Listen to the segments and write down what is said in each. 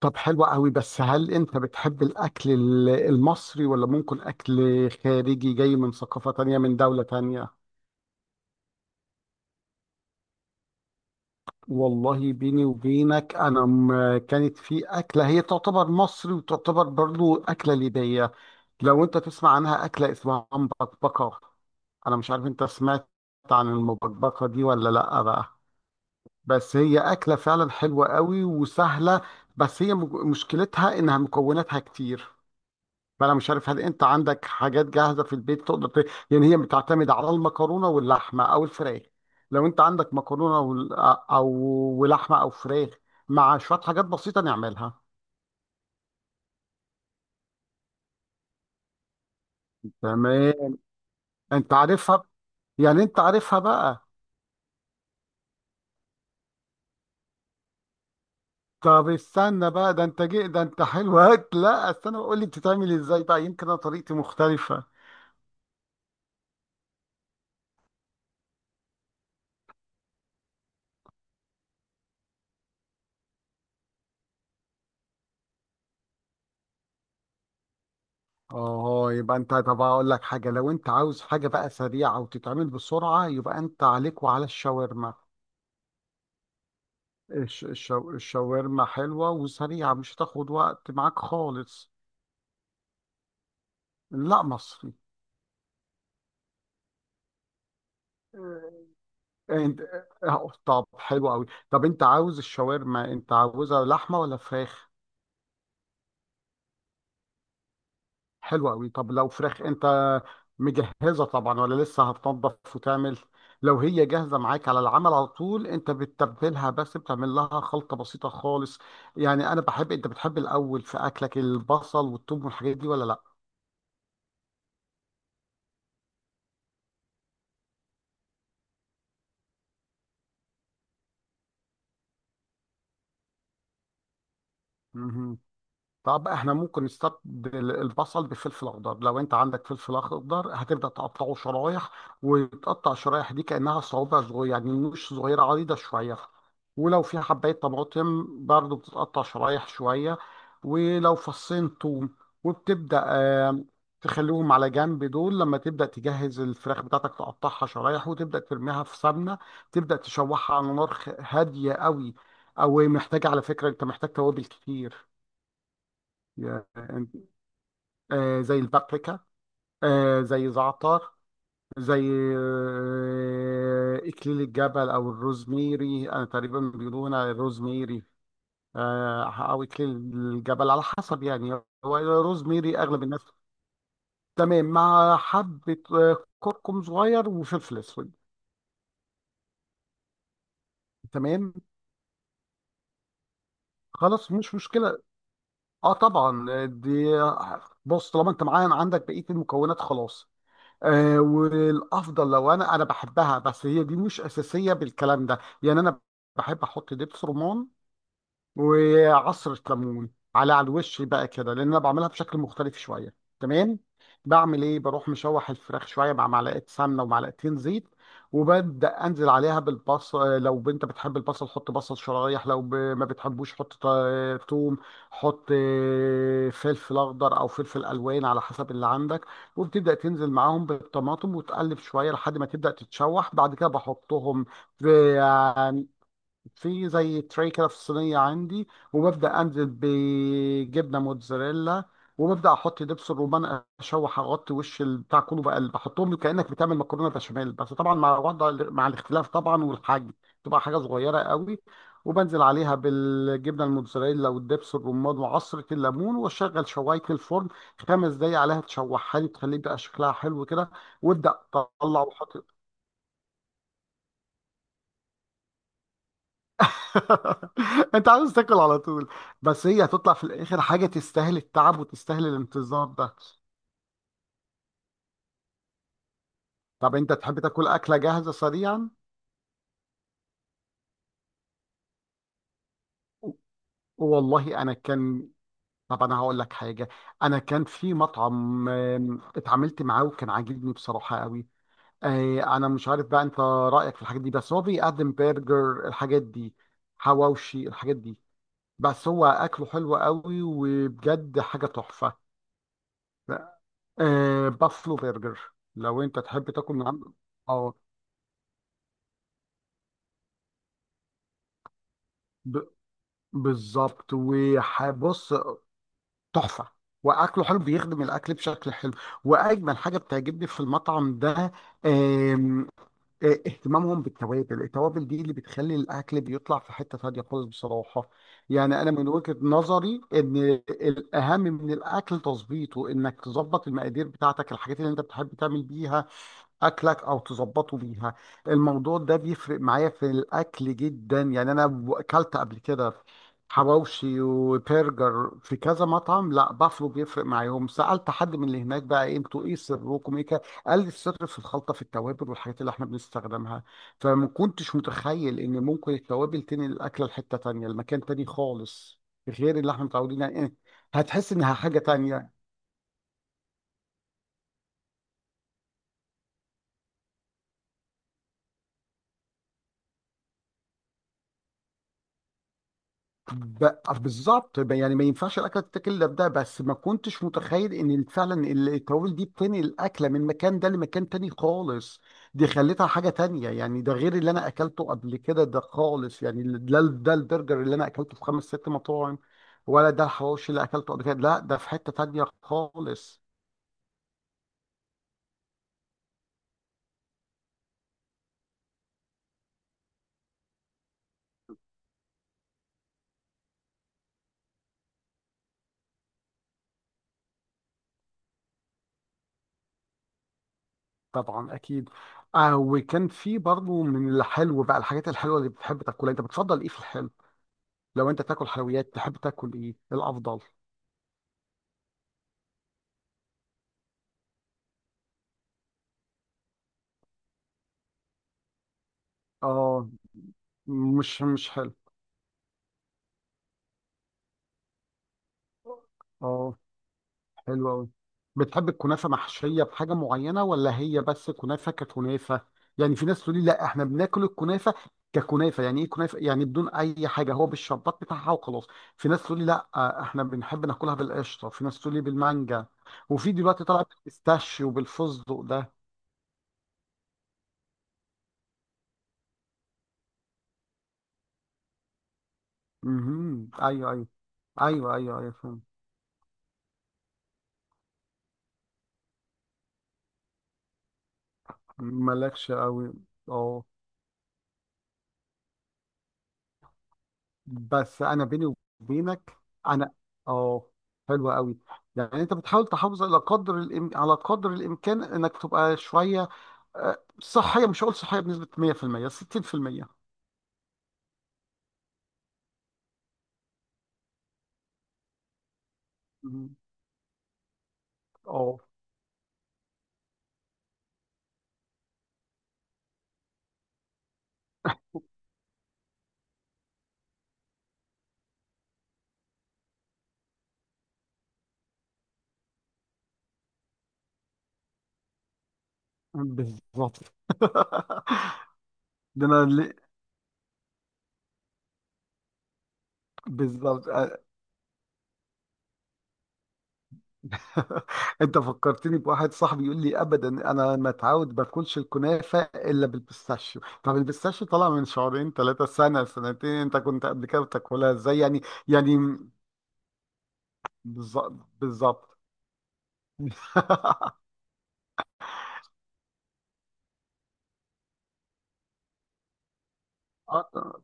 طب حلو قوي. بس هل انت بتحب الاكل المصري ولا ممكن اكل خارجي جاي من ثقافة تانية، من دولة تانية؟ والله بيني وبينك انا كانت في اكلة هي تعتبر مصري وتعتبر برضو اكلة ليبية. لو انت تسمع عنها، اكله اسمها مبكبكه. انا مش عارف انت سمعت عن المبكبكه دي ولا لا بقى. بس هي اكله فعلا حلوه قوي وسهله. بس هي مشكلتها انها مكوناتها كتير. فانا مش عارف هل انت عندك حاجات جاهزه في البيت تقدر يعني هي بتعتمد على المكرونه واللحمه او الفراخ. لو انت عندك مكرونه وال... او ولحمه او فراخ مع شويه حاجات بسيطه نعملها. تمام، انت عارفها، يعني انت عارفها بقى؟ طب استنى بقى، ده انت جي، ده انت حلو لا استنى، قول لي بتتعمل ازاي بقى، يمكن انا طريقتي مختلفة. اه، يبقى انت، طب اقول لك حاجة. لو انت عاوز حاجة بقى سريعة وتتعمل بسرعة، يبقى انت عليك وعلى الشاورما. الشاورما حلوة وسريعة، مش هتاخد وقت معاك خالص. لا مصري. آه، انت آه، طب حلو قوي. طب انت عاوز الشاورما، انت عاوزها لحمة ولا فراخ؟ حلو قوي. طب لو فراخ، انت مجهزه طبعا ولا لسه هتنضف وتعمل؟ لو هي جاهزه معاك على العمل على طول، انت بتتبلها، بس بتعمل لها خلطه بسيطه خالص. يعني انا بحب انت بتحب الاول في اكلك البصل والثوم والحاجات دي ولا لا؟ مهم. طب احنا ممكن نستبدل البصل بفلفل اخضر. لو انت عندك فلفل اخضر، هتبدا تقطعه شرايح، وتقطع الشرايح دي كانها صوابع صغيره، يعني مش صغيره، عريضه شويه. ولو في حبايه طماطم برضو بتتقطع شرايح شويه، ولو فصين توم، وبتبدا تخليهم على جنب. دول لما تبدا تجهز الفراخ بتاعتك، تقطعها شرايح وتبدا ترميها في سمنه. تبدا تشوحها على نار هاديه قوي. او محتاجه، على فكره انت محتاج توابل كتير. يا أنت- آه، زي البابريكا، زي زعتر، زي إكليل الجبل أو الروزميري. أنا تقريبا بيقولوا الروزميري، أو إكليل الجبل، على حسب يعني، هو الروزميري أغلب الناس. تمام، مع حبة كركم صغير وفلفل أسود. تمام، خلاص مش مشكلة. اه طبعا، آه، دي آه، بص، طالما انت معايا عندك بقية المكونات خلاص. والافضل، لو انا بحبها، بس هي دي مش اساسيه بالكلام ده. يعني انا بحب احط دبس رمان وعصرة ليمون على الوش بقى كده، لان انا بعملها بشكل مختلف شوية. تمام، بعمل ايه؟ بروح مشوح الفراخ شوية مع معلقة سمنة ومعلقتين زيت، وببدأ انزل عليها بالبصل. لو انت بتحب البصل، حط بصل شرايح. لو ما بتحبوش، حط توم. حط فلفل اخضر او فلفل الوان على حسب اللي عندك. وبتبدأ تنزل معاهم بالطماطم، وتقلب شوية لحد ما تبدأ تتشوح. بعد كده بحطهم في زي تري كده في الصينية عندي، وببدأ أنزل بجبنة موتزاريلا، وببدأ أحط دبس الرومان. أشوح، أغطي وش البتاع كله بقى، بحطهم كأنك بتعمل مكرونة بشاميل، بس طبعا مع الاختلاف طبعا، والحجم تبقى حاجة صغيرة قوي. وبنزل عليها بالجبنة الموتزاريلا والدبس الرمان وعصرة الليمون، وأشغل شواية الفرن خمس دقايق عليها، تشوحها لي، تخليه بقى شكلها حلو كده، وابدأ طلع وحط. انت عاوز تاكل على طول، بس هي هتطلع في الاخر حاجه تستاهل التعب وتستاهل الانتظار ده. طب انت تحب تاكل اكله جاهزه سريعا؟ والله انا كان طب انا هقول لك حاجه. انا كان في مطعم اتعاملت معاه وكان عاجبني بصراحه قوي. انا مش عارف بقى انت رايك في الحاجات دي، بس هو بيقدم برجر، الحاجات دي، حواوشي، الحاجات دي. بس هو اكله حلو قوي وبجد حاجه تحفه. بافلو برجر، لو انت تحب تاكل من عنده. اه ب- بالظبط. وهبص، تحفه. واكله حلو، بيخدم الاكل بشكل حلو. واجمل حاجه بتعجبني في المطعم ده، آم، آه، اهتمامهم بالتوابل. التوابل دي اللي بتخلي الاكل بيطلع في حته تانيه خالص بصراحه. يعني انا من وجهه نظري ان الاهم من الاكل تظبيطه، انك تظبط المقادير بتاعتك، الحاجات اللي انت بتحب تعمل بيها اكلك او تظبطه بيها. الموضوع ده بيفرق معايا في الاكل جدا. يعني انا اكلت قبل كده حواوشي وبرجر في كذا مطعم، لا بافلو بيفرق معاهم. سالت حد من اللي هناك بقى، إيه انتوا، ايه سركم ايه كده؟ قال لي السر في الخلطه، في التوابل والحاجات اللي احنا بنستخدمها. فما كنتش متخيل ان ممكن التوابل تنقل الاكله لحته تانيه، لمكان تاني خالص غير اللي احنا متعودين عليه، إيه، هتحس انها حاجه تانية. ب... بالظبط. يعني ما ينفعش الاكله تتاكل الا بده، بس ما كنتش متخيل ان فعلا التوابل دي بتنقل الاكله من مكان ده لمكان تاني خالص. دي خلتها حاجه تانية يعني، ده غير اللي انا اكلته قبل كده ده خالص. يعني ده البرجر اللي انا اكلته في خمس ست مطاعم، ولا ده الحواوشي اللي اكلته قبل كده، لا ده في حته تانية خالص. طبعا اكيد. وكان في برضه من الحلو بقى، الحاجات الحلوه اللي بتحب تاكلها، انت بتفضل ايه في الحلو؟ لو انت تاكل حلويات تحب تاكل ايه الافضل؟ اه، مش حلو. اه حلو قوي. بتحب الكنافه محشيه بحاجه معينه، ولا هي بس كنافه ككنافه؟ يعني في ناس تقول لي لا احنا بناكل الكنافه ككنافه، يعني ايه كنافه، يعني بدون اي حاجه، هو بالشربات بتاعها وخلاص. في ناس تقول لي لا، احنا بنحب ناكلها بالقشطه. في ناس تقول لي بالمانجا. وفي دلوقتي طلع بالبيستاشيو وبالفستق ده. امم، ايوه ايوه ايوه ايوه ايوه، فهمت. مالكش قوي. اه بس انا بيني وبينك، انا اه حلو قوي. يعني انت بتحاول تحافظ على قدر على قدر الامكان انك تبقى شويه صحيه، مش هقول صحيه بنسبه 100%، 60%. مم. اه بالظبط. ده انا اللي... بالظبط آه. انت فكرتني بواحد صاحبي يقول لي ابدا انا متعود باكلش الكنافه الا بالبيستاشيو. طب البيستاشيو طالع من شهرين ثلاثه، سنه سنتين، انت كنت قبل كده بتاكلها ازاي يعني؟ يعني بالظ- بالظبط. آه، ط-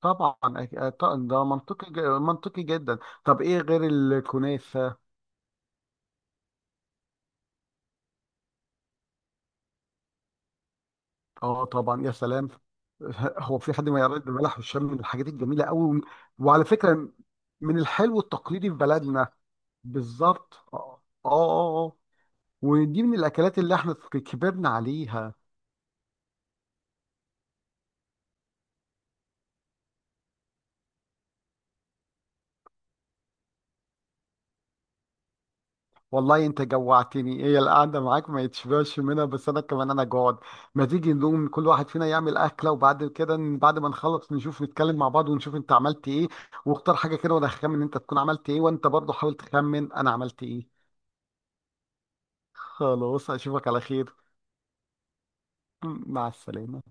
طبعا. ده منطقي، منطقي جدا. طب ايه غير الكنافه؟ اه طبعا يا سلام. هو في حد ما يرد بلح والشام؟ من الحاجات الجميله قوي. وعلى فكره من الحلو التقليدي في بلدنا. بالظبط، اه اه، آه، آه. ودي من الاكلات اللي احنا كبرنا عليها. والله انت جوعتني، هي القعده معاك ما يتشبعش منها، بس انا كمان انا جوعت. ما تيجي نقوم، كل واحد فينا يعمل اكله، وبعد كده بعد ما نخلص نشوف، نتكلم مع بعض ونشوف انت عملت ايه، واختار حاجه كده، وانا هخمن انت تكون عملت ايه، وانت برضه حاول تخمن انا عملت ايه. خلاص، اشوفك على خير. مع السلامه.